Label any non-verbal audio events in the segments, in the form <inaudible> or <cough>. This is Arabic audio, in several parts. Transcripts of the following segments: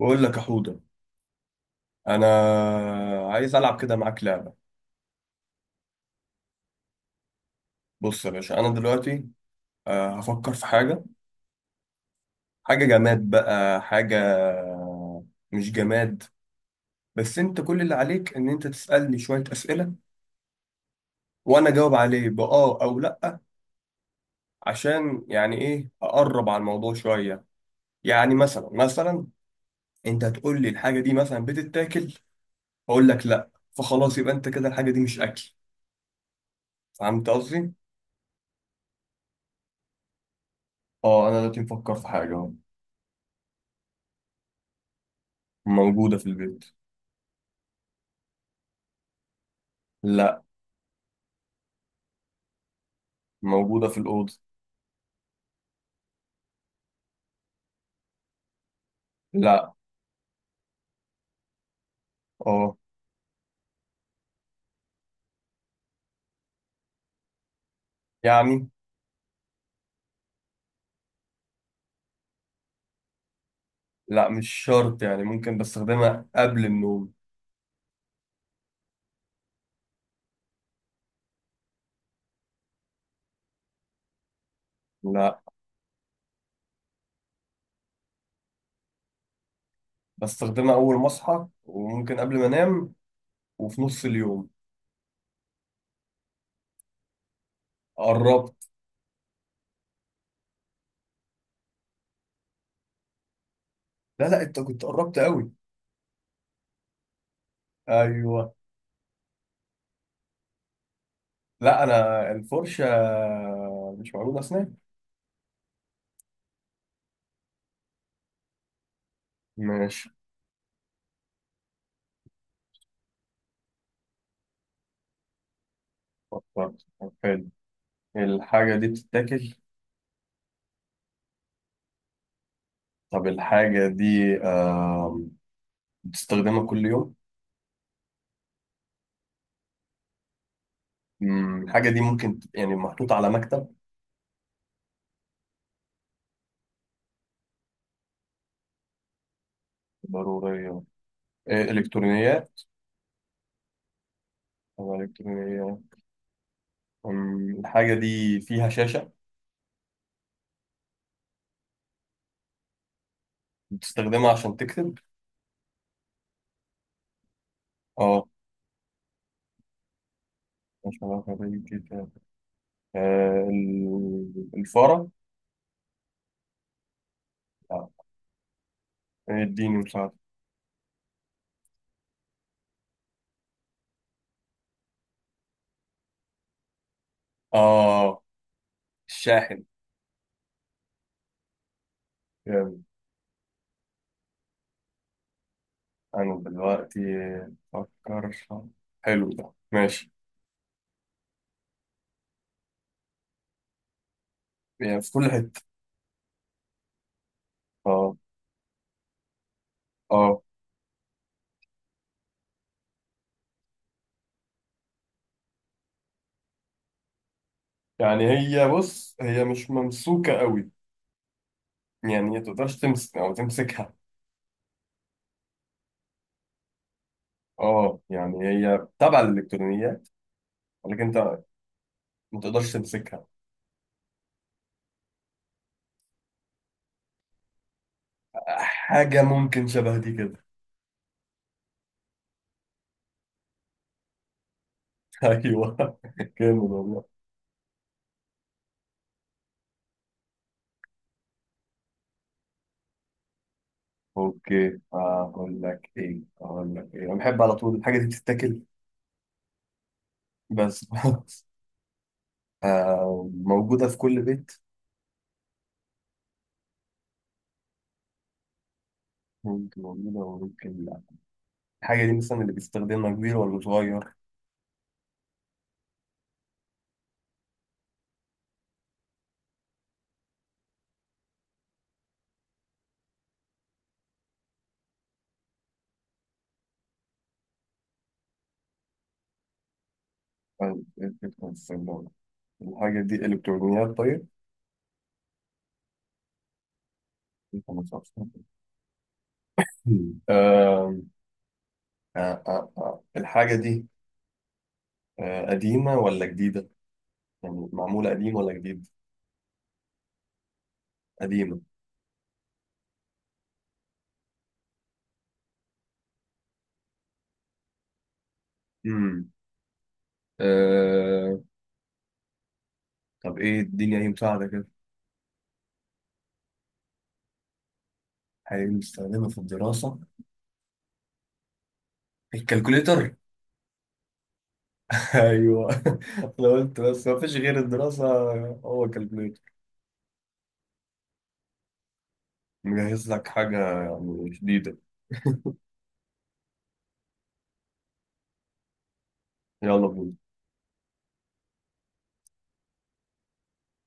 بقول لك يا حوده، انا عايز العب كده معاك لعبه. بص يا باشا، انا دلوقتي هفكر في حاجه. حاجه جماد بقى، حاجه مش جماد. بس انت كل اللي عليك ان انت تسالني شويه اسئله وانا اجاوب عليه باه او لا، عشان يعني ايه اقرب على الموضوع شويه. يعني مثلا مثلا، انت هتقول لي الحاجه دي مثلا بتتاكل، اقول لك لا، فخلاص يبقى انت كده الحاجه دي مش اكل. فهمت قصدي؟ اه، انا دلوقتي مفكر في حاجه أهو. موجوده في البيت. لا. موجودة في الأوضة. لا. اه. يعني. لا، مش شرط، يعني ممكن بستخدمها قبل النوم. لا. بستخدمها أول ما أصحى وممكن قبل ما أنام وفي نص اليوم. قربت. لا لا، أنت كنت قربت قوي. أيوه. لا، أنا الفرشة مش موجودة أسنان. ماشي. فكرت؟ طب حلو. الحاجة دي بتتاكل؟ طب الحاجة دي بتستخدمها كل يوم؟ الحاجة دي ممكن تبقى يعني محطوطة على مكتب. ضرورية. إيه، إلكترونيات. طبعاً الكترونية. الحاجة دي فيها شاشة. بتستخدمها عشان تكتب؟ اه. مش علاقة بالكتاب. الفارة. لا. اديني مساعدة. اه، الشاحن. جامد. أنا دلوقتي أفكر. حلو ده، ماشي. يعني في كل حتة. اه. اه. يعني هي، بص هي مش ممسوكة قوي. يعني هي تقدرش تمسك أو تمسكها. اه يعني هي تبع الإلكترونيات، ولكن أنت ما تقدرش تمسكها. حاجة ممكن شبه دي كده. <laughs> ايوه. جامد والله. اوكي، اقول لك ايه انا بحب على طول، الحاجة دي بتتاكل. بس <laughs> خلاص. موجودة في كل بيت. ممكن موجودة وممكن لا. الحاجة دي مثلا اللي بيستخدمها كبير ولا صغير؟ آه، إيه الفكرة في السيارة؟ الحاجة دي إلكترونيات طيب؟ <laughs> أنت ما تعرفش. مم. آه، الحاجة دي قديمة ولا جديدة؟ يعني معمولة قديم ولا جديد؟ قديمة. مم. آه... طب ايه الدنيا، اي مساعدة كده. حاجة بنستخدمها في الدراسة. الكالكوليتر. <laughs> ايوه. انا قلت بس ما فيش غير الدراسة، هو الكالكوليتر. مجهز لك حاجة يعني جديدة. يلا بينا.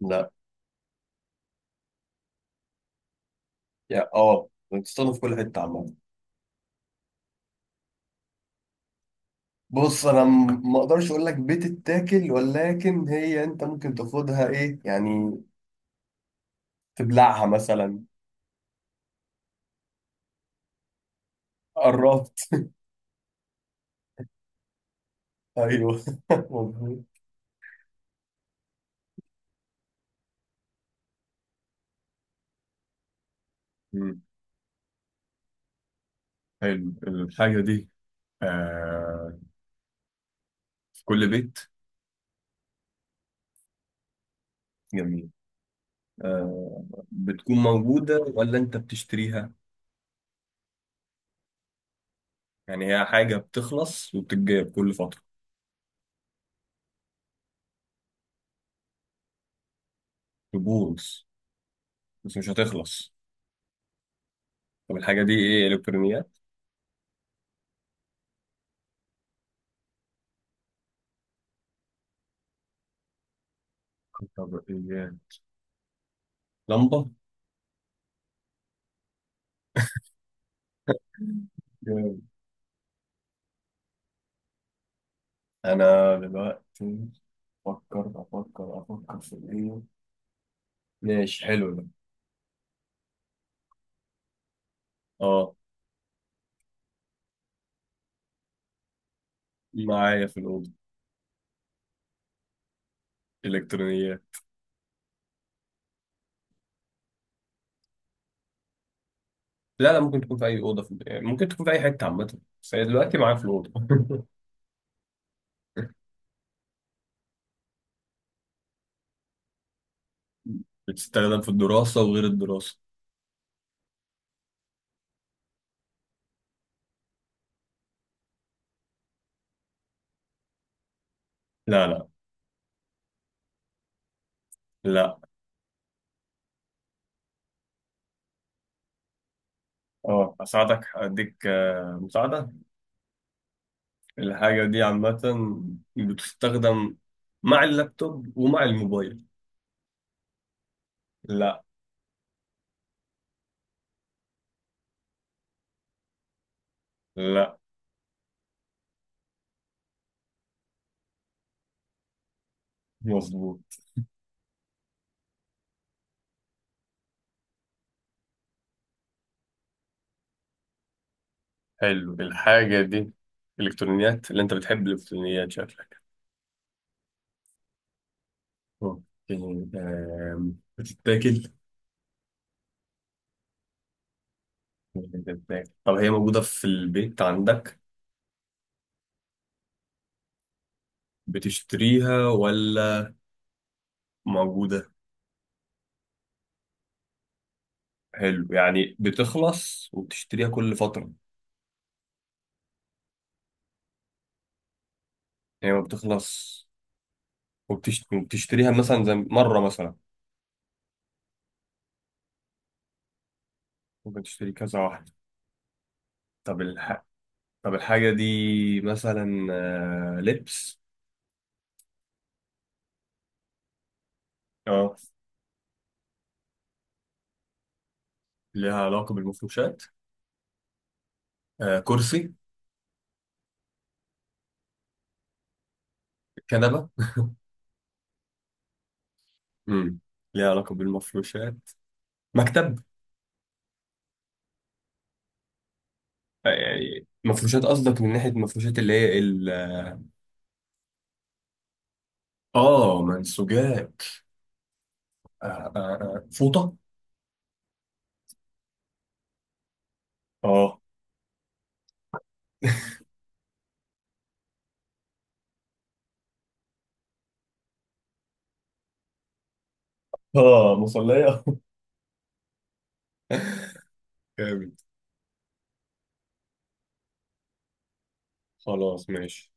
لا. يا اه بتستخدم في كل حتة عامة. بص انا ما اقدرش اقول لك بتتاكل، ولكن هي انت ممكن تاخدها ايه يعني، تبلعها مثلا. قربت. ايوه <laughs> مظبوط. مم. حلو الحاجة دي. آه. في كل بيت. جميل. آه. بتكون موجودة ولا أنت بتشتريها؟ يعني هي حاجة بتخلص وبتتجاب كل فترة. تبوظ. بس مش هتخلص. طب الحاجة دي إيه، إلكترونيات؟ طب إيه، لمبة؟ جامد. أنا دلوقتي أفكر في إيه؟ ماشي، حلو ده. أه. معايا في الأوضة. إلكترونيات. لا لا، ممكن تكون في أي أوضة في... يعني ممكن تكون في أي حتة عامة، بس هي دلوقتي معايا في الأوضة. <laughs> بتستخدم في الدراسة وغير الدراسة. لا لا لا. اه اساعدك، اديك مساعده. الحاجه دي عامه، بتستخدم مع اللابتوب ومع الموبايل. لا. لا. مظبوط. حلو الحاجه دي الكترونيات، اللي انت بتحب الالكترونيات شكلك. اوكي. بتتاكل. بتتاكل؟ طب هي موجوده في البيت عندك. بتشتريها ولا موجوده؟ حلو، يعني بتخلص وبتشتريها كل فتره يعني. هي ما بتخلص. وبتشتريها مثلا زي مره مثلا. ممكن تشتري كذا واحدة. طب الح... طب الحاجة دي مثلا لبس. اه. ليها علاقة بالمفروشات. كرسي. كنبة. امم ليها علاقة بالمفروشات. مكتب. يعني مفروشات قصدك من ناحية المفروشات اللي هي ال. اه منسوجات. آه، فوطة. اه. اه مصلية. <laughs> جامد. خلاص ماشي.